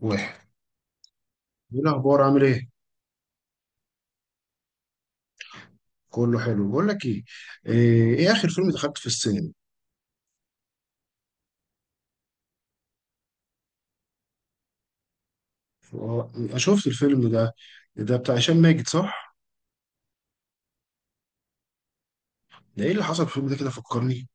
واحد. ايه الاخبار، عامل ايه؟ كله حلو. بقول لك ايه، إيه اخر فيلم دخلت في السينما؟ آه، أنا شفت الفيلم ده. ده بتاع هشام ماجد، صح؟ ده ايه اللي حصل في الفيلم ده؟ كده فكرني.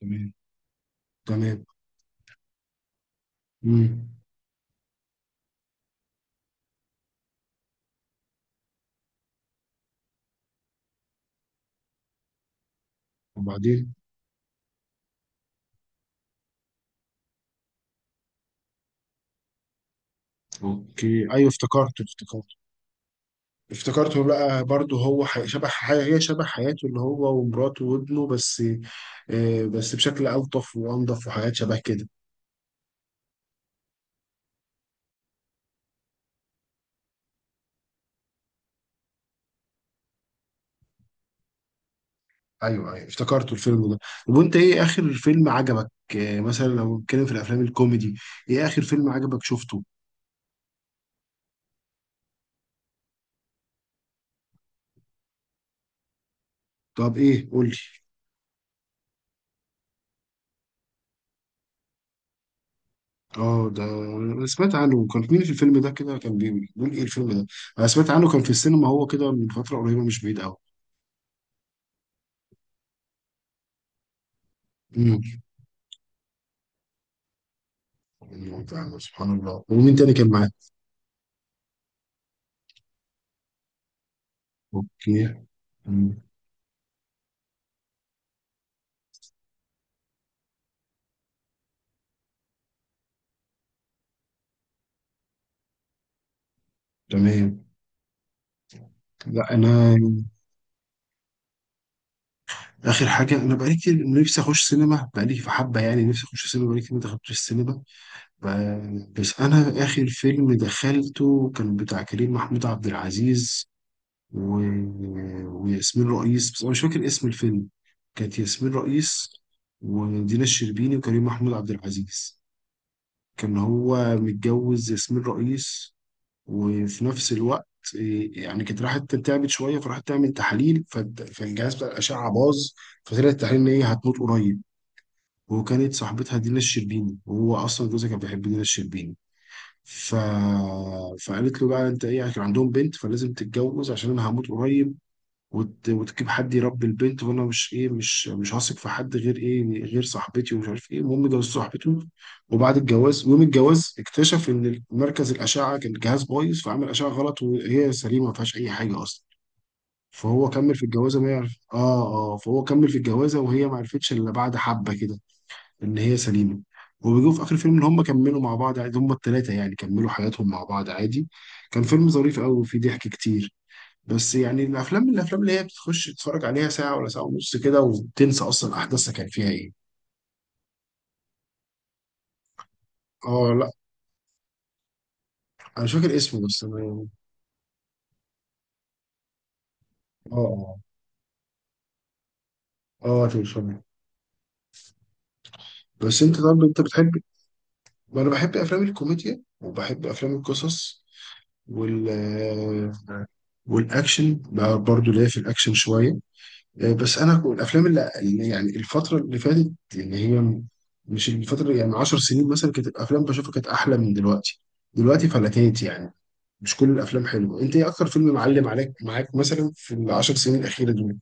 تمام. تمام. امم. وبعدين؟ اوكي، ايوه، افتكرته بقى. برضه هو هي شبه حياته، اللي هو ومراته وابنه بس. آه، بس بشكل الطف وانضف وحاجات شبه كده. ايوه ايوه، افتكرته الفيلم ده. طب وانت، ايه اخر فيلم عجبك؟ آه، مثلا لو بنتكلم في الافلام الكوميدي، ايه اخر فيلم عجبك شفته؟ طب ايه، قول لي. اه، ده انا سمعت عنه. كان مين في الفيلم ده كده؟ كان بيقول ايه الفيلم ده. انا سمعت عنه، كان في السينما هو كده من فتره قريبه، مش بعيد قوي. امم. أيوة، فعلا، سبحان الله. ومين تاني كان معاك؟ اوكي. أمم. تمام. لا انا، اخر حاجه انا بقالي كتير نفسي اخش سينما، بقالي في حبه يعني، نفسي اخش سينما، بقالي كتير ما دخلتش السينما. بس انا اخر فيلم دخلته كان بتاع كريم محمود عبد العزيز و... وياسمين رئيس، بس انا مش فاكر اسم الفيلم. كانت ياسمين رئيس ودينا الشربيني وكريم محمود عبد العزيز. كان هو متجوز ياسمين رئيس، وفي نفس الوقت إيه، يعني كانت راحت تعبت شويه، فراحت تعمل تحاليل فالجهاز بتاع الاشعه باظ، فطلع التحاليل ان هي هتموت قريب. وكانت صاحبتها دينا الشربيني، وهو اصلا جوزها كان بيحب دينا الشربيني. ف... فقالت له بقى، انت ايه يعني، كان عندهم بنت، فلازم تتجوز عشان انا هموت قريب، وتجيب حد يربي البنت، وانا مش ايه، مش مش هثق في حد غير ايه، غير صاحبتي ومش عارف ايه. المهم جوزت صاحبته. وبعد الجواز، يوم الجواز، اكتشف ان مركز الاشعه كان الجهاز بايظ، فعمل اشعه غلط، وهي سليمه ما فيهاش اي حاجه اصلا. فهو كمل في الجوازه ما يعرف. اه، اه، فهو كمل في الجوازه، وهي ما عرفتش الا بعد حبه كده ان هي سليمه. وبيجوا في اخر الفيلم ان هم كملوا مع بعض عادي، هم الثلاثه، يعني كملوا حياتهم مع بعض عادي. كان فيلم ظريف قوي، وفيه ضحك كتير. بس يعني الافلام من الافلام اللي هي بتخش تتفرج عليها ساعه ولا ساعه ونص كده، وتنسى اصلا احداثها كان فيها ايه. اه لا، انا مش فاكر اسمه، بس انا يعني. اه، اه، اه، تلفزيون. بس انت، طب انت بتحب، انا بحب افلام الكوميديا، وبحب افلام القصص، وال والاكشن بقى برضو ليا في الاكشن شويه. آه، بس انا الافلام اللي يعني الفتره اللي فاتت، اللي هي مش الفتره يعني، من 10 سنين مثلا، كانت الافلام بشوفها كانت احلى من دلوقتي. دلوقتي فلتات يعني، مش كل الافلام حلوه. انت ايه اكتر فيلم معلم عليك معاك مثلا في العشر سنين الاخيره دول؟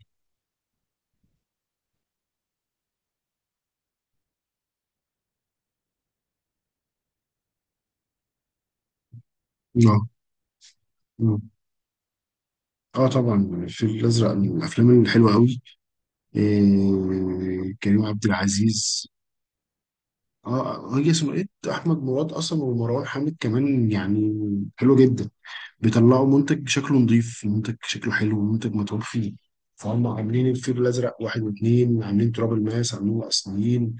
اه. اه. آه طبعا، الفيل الازرق من الافلام الحلوه قوي. إيه، كريم عبد العزيز. اه، هي ثنائيه احمد مراد اصلا، ومروان حامد كمان يعني. حلوه جدا. بيطلعوا منتج شكله نظيف، منتج شكله حلو، منتج متعوب فيه. فهم عاملين الفيل الازرق واحد واثنين، عاملين تراب الماس، عاملين الاصليين.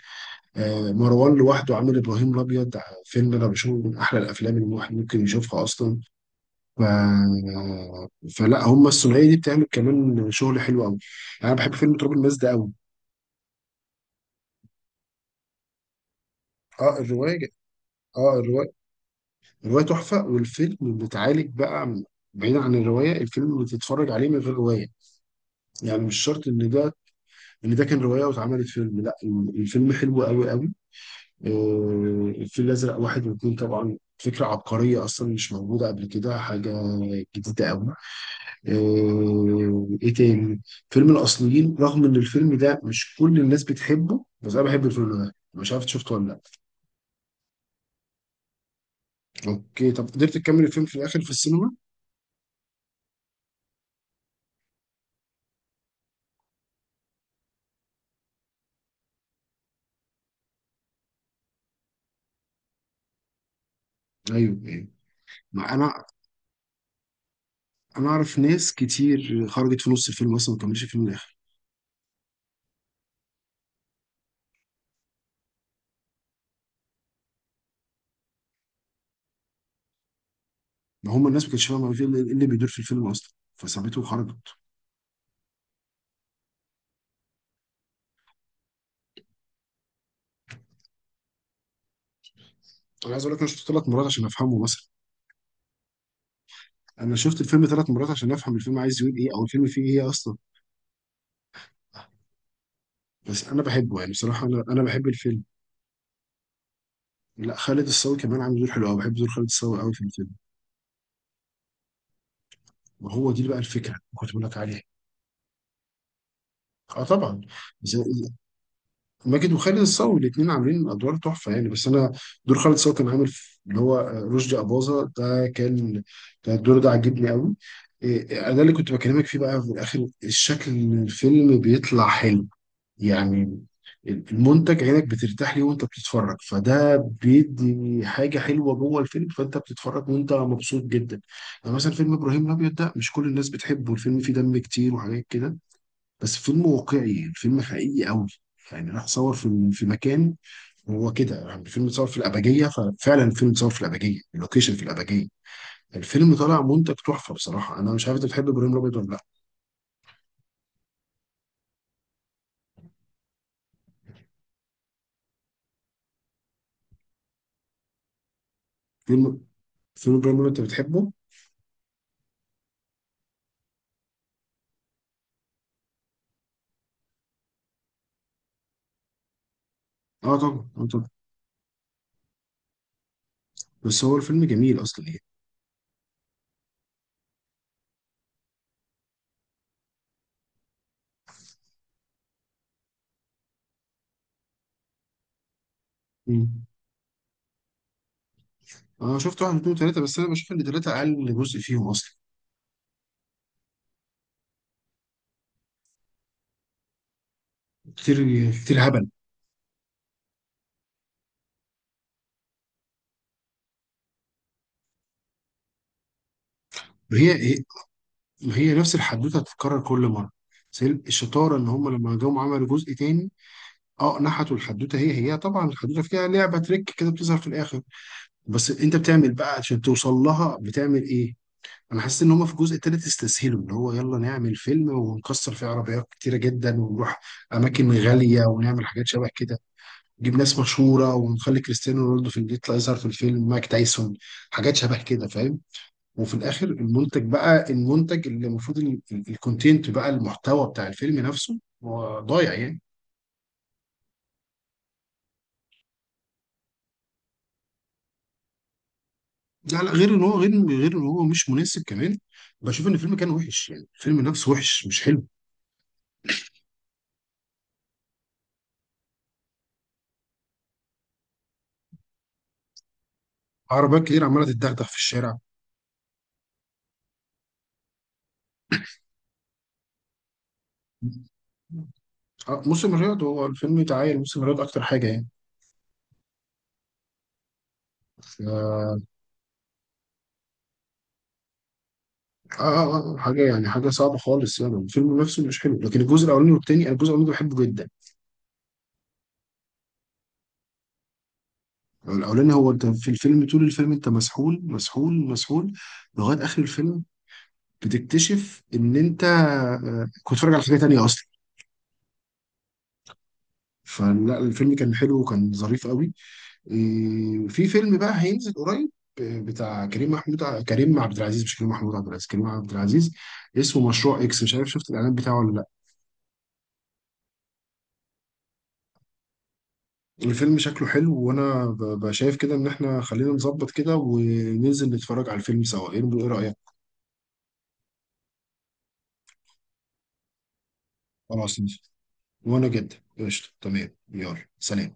آه، مروان لوحده عامل ابراهيم الابيض. فيلم انا بشوفه من احلى الافلام اللي الواحد ممكن يشوفها اصلا. ف... فلا، هم الثنائيه دي بتعمل كمان شغل حلو قوي. يعني انا بحب فيلم تراب الماس ده قوي. اه الروايه ج- اه الروايه، الروايه تحفه، والفيلم بتعالج بقى بعيدا عن الروايه. الفيلم بتتفرج عليه من غير روايه، يعني مش شرط ان ده، ان ده كان روايه واتعملت فيلم، لا. الفيلم حلو قوي قوي. آه، الفيل الازرق واحد واثنين طبعا فكره عبقريه، اصلا مش موجوده قبل كده، حاجه جديده قوي. آه، ايه تاني. فيلم الاصليين، رغم ان الفيلم ده مش كل الناس بتحبه، بس انا بحب الفيلم ده. مش عارف إنت شفته ولا لا. اوكي، طب قدرت تكمل الفيلم في الاخر في السينما؟ ايوه ايوه. ما انا اعرف ناس كتير خرجت في نص الفيلم اصلا، ما كملتش الفيلم للاخر. ما هم الناس ما كانتش فاهمه إيه اللي بيدور في الفيلم اصلا، فسابته وخرجت. انا عايز اقول لك، انا شفته ثلاث مرات عشان افهمه مثلا. انا شفت الفيلم ثلاث مرات عشان افهم الفيلم عايز يقول ايه، او الفيلم فيه ايه اصلا. بس انا بحبه يعني، بصراحه، انا بحب الفيلم. لا، خالد الصاوي كمان عامل دور حلو قوي، بحب دور خالد الصاوي قوي في الفيلم. وهو دي بقى الفكره اللي كنت بقول لك عليها. اه طبعا. ماجد وخالد الصاوي الاثنين عاملين ادوار تحفه يعني. بس انا، دور خالد الصاوي كان عامل اللي هو رشدي اباظه، ده كان، كان الدور ده عاجبني قوي. إيه، انا اللي كنت بكلمك فيه بقى في الاخر، الشكل إن الفيلم بيطلع حلو يعني. المنتج، عينك بترتاح ليه وانت بتتفرج، فده بيدي حاجه حلوه جوه الفيلم، فانت بتتفرج وانت مبسوط جدا. يعني مثلا فيلم ابراهيم الابيض، ده مش كل الناس بتحبه، الفيلم فيه دم كتير وحاجات كده، بس فيلم واقعي، الفيلم حقيقي قوي. يعني راح صور في مكان، هو كده يعني، الفيلم اتصور في الأبجية. ففعلا الفيلم اتصور في الأبجية، اللوكيشن في الأبجية. الفيلم طالع منتج تحفة، بصراحة أنا مش عارف أنت بتحب إبراهيم الأبيض ولا لأ. فيلم، فيلم إبراهيم الأبيض، أنت بتحبه؟ أه طبعا، أه طبعا. بس هو الفيلم جميل أصلا يعني. مم. أنا شفت واحد اتنين تلاتة، بس أنا بشوف إن تلاتة أقل جزء فيهم أصلا. كتير. كتير هبل. هي هي، هي نفس الحدوتة هتتكرر كل مرة. بس هي الشطارة، إن هم لما جم عملوا جزء تاني. اه، نحتوا الحدوته هي هي. طبعا الحدوته فيها لعبه تريك كده بتظهر في الاخر، بس انت بتعمل بقى عشان توصل لها بتعمل ايه. انا حاسس ان هم في الجزء التالت استسهلوا، اللي هو يلا نعمل فيلم ونكسر فيه عربيات كتيره جدا، ونروح اماكن غاليه، ونعمل حاجات شبه كده. نجيب ناس مشهوره، ونخلي كريستيانو رونالدو في اللي يطلع يظهر في الفيلم، مايك تايسون، حاجات شبه كده، فاهم. وفي الاخر المنتج بقى، المنتج اللي المفروض، الكونتنت بقى، المحتوى بتاع الفيلم نفسه هو ضايع يعني. لا لا، غير ان هو، غير ان هو مش مناسب كمان، بشوف ان الفيلم كان وحش يعني، الفيلم نفسه وحش مش حلو. عربيات كتير عماله تتدغدغ في الشارع. آه، موسم الرياض، هو الفيلم اتعايل موسم الرياض اكتر حاجه يعني. آه، آه، آه، حاجه يعني، حاجه صعبه خالص يعني، الفيلم نفسه مش حلو، لكن الجزء الاولاني والتاني، أنا الجزء الاولاني ده بحبه جدا. الاولاني، هو انت في الفيلم، طول الفيلم انت مسحول مسحول مسحول لغايه اخر الفيلم، بتكتشف ان انت آه، كنت بتتفرج على حاجه تانيه اصلا. فلا، الفيلم كان حلو وكان ظريف قوي. إيه، في فيلم بقى هينزل قريب. آه، بتاع كريم عبد العزيز، مش كريم محمود عبد العزيز، كريم عبد العزيز. اسمه مشروع اكس، مش عارف شفت الاعلان بتاعه ولا لا. الفيلم شكله حلو، وانا شايف كده ان احنا خلينا نظبط كده وننزل نتفرج على الفيلم سوا، ايه، إيه رأيك؟ خلاص ننزل. وانا جدا. قشطة، تمام، يلا سلام.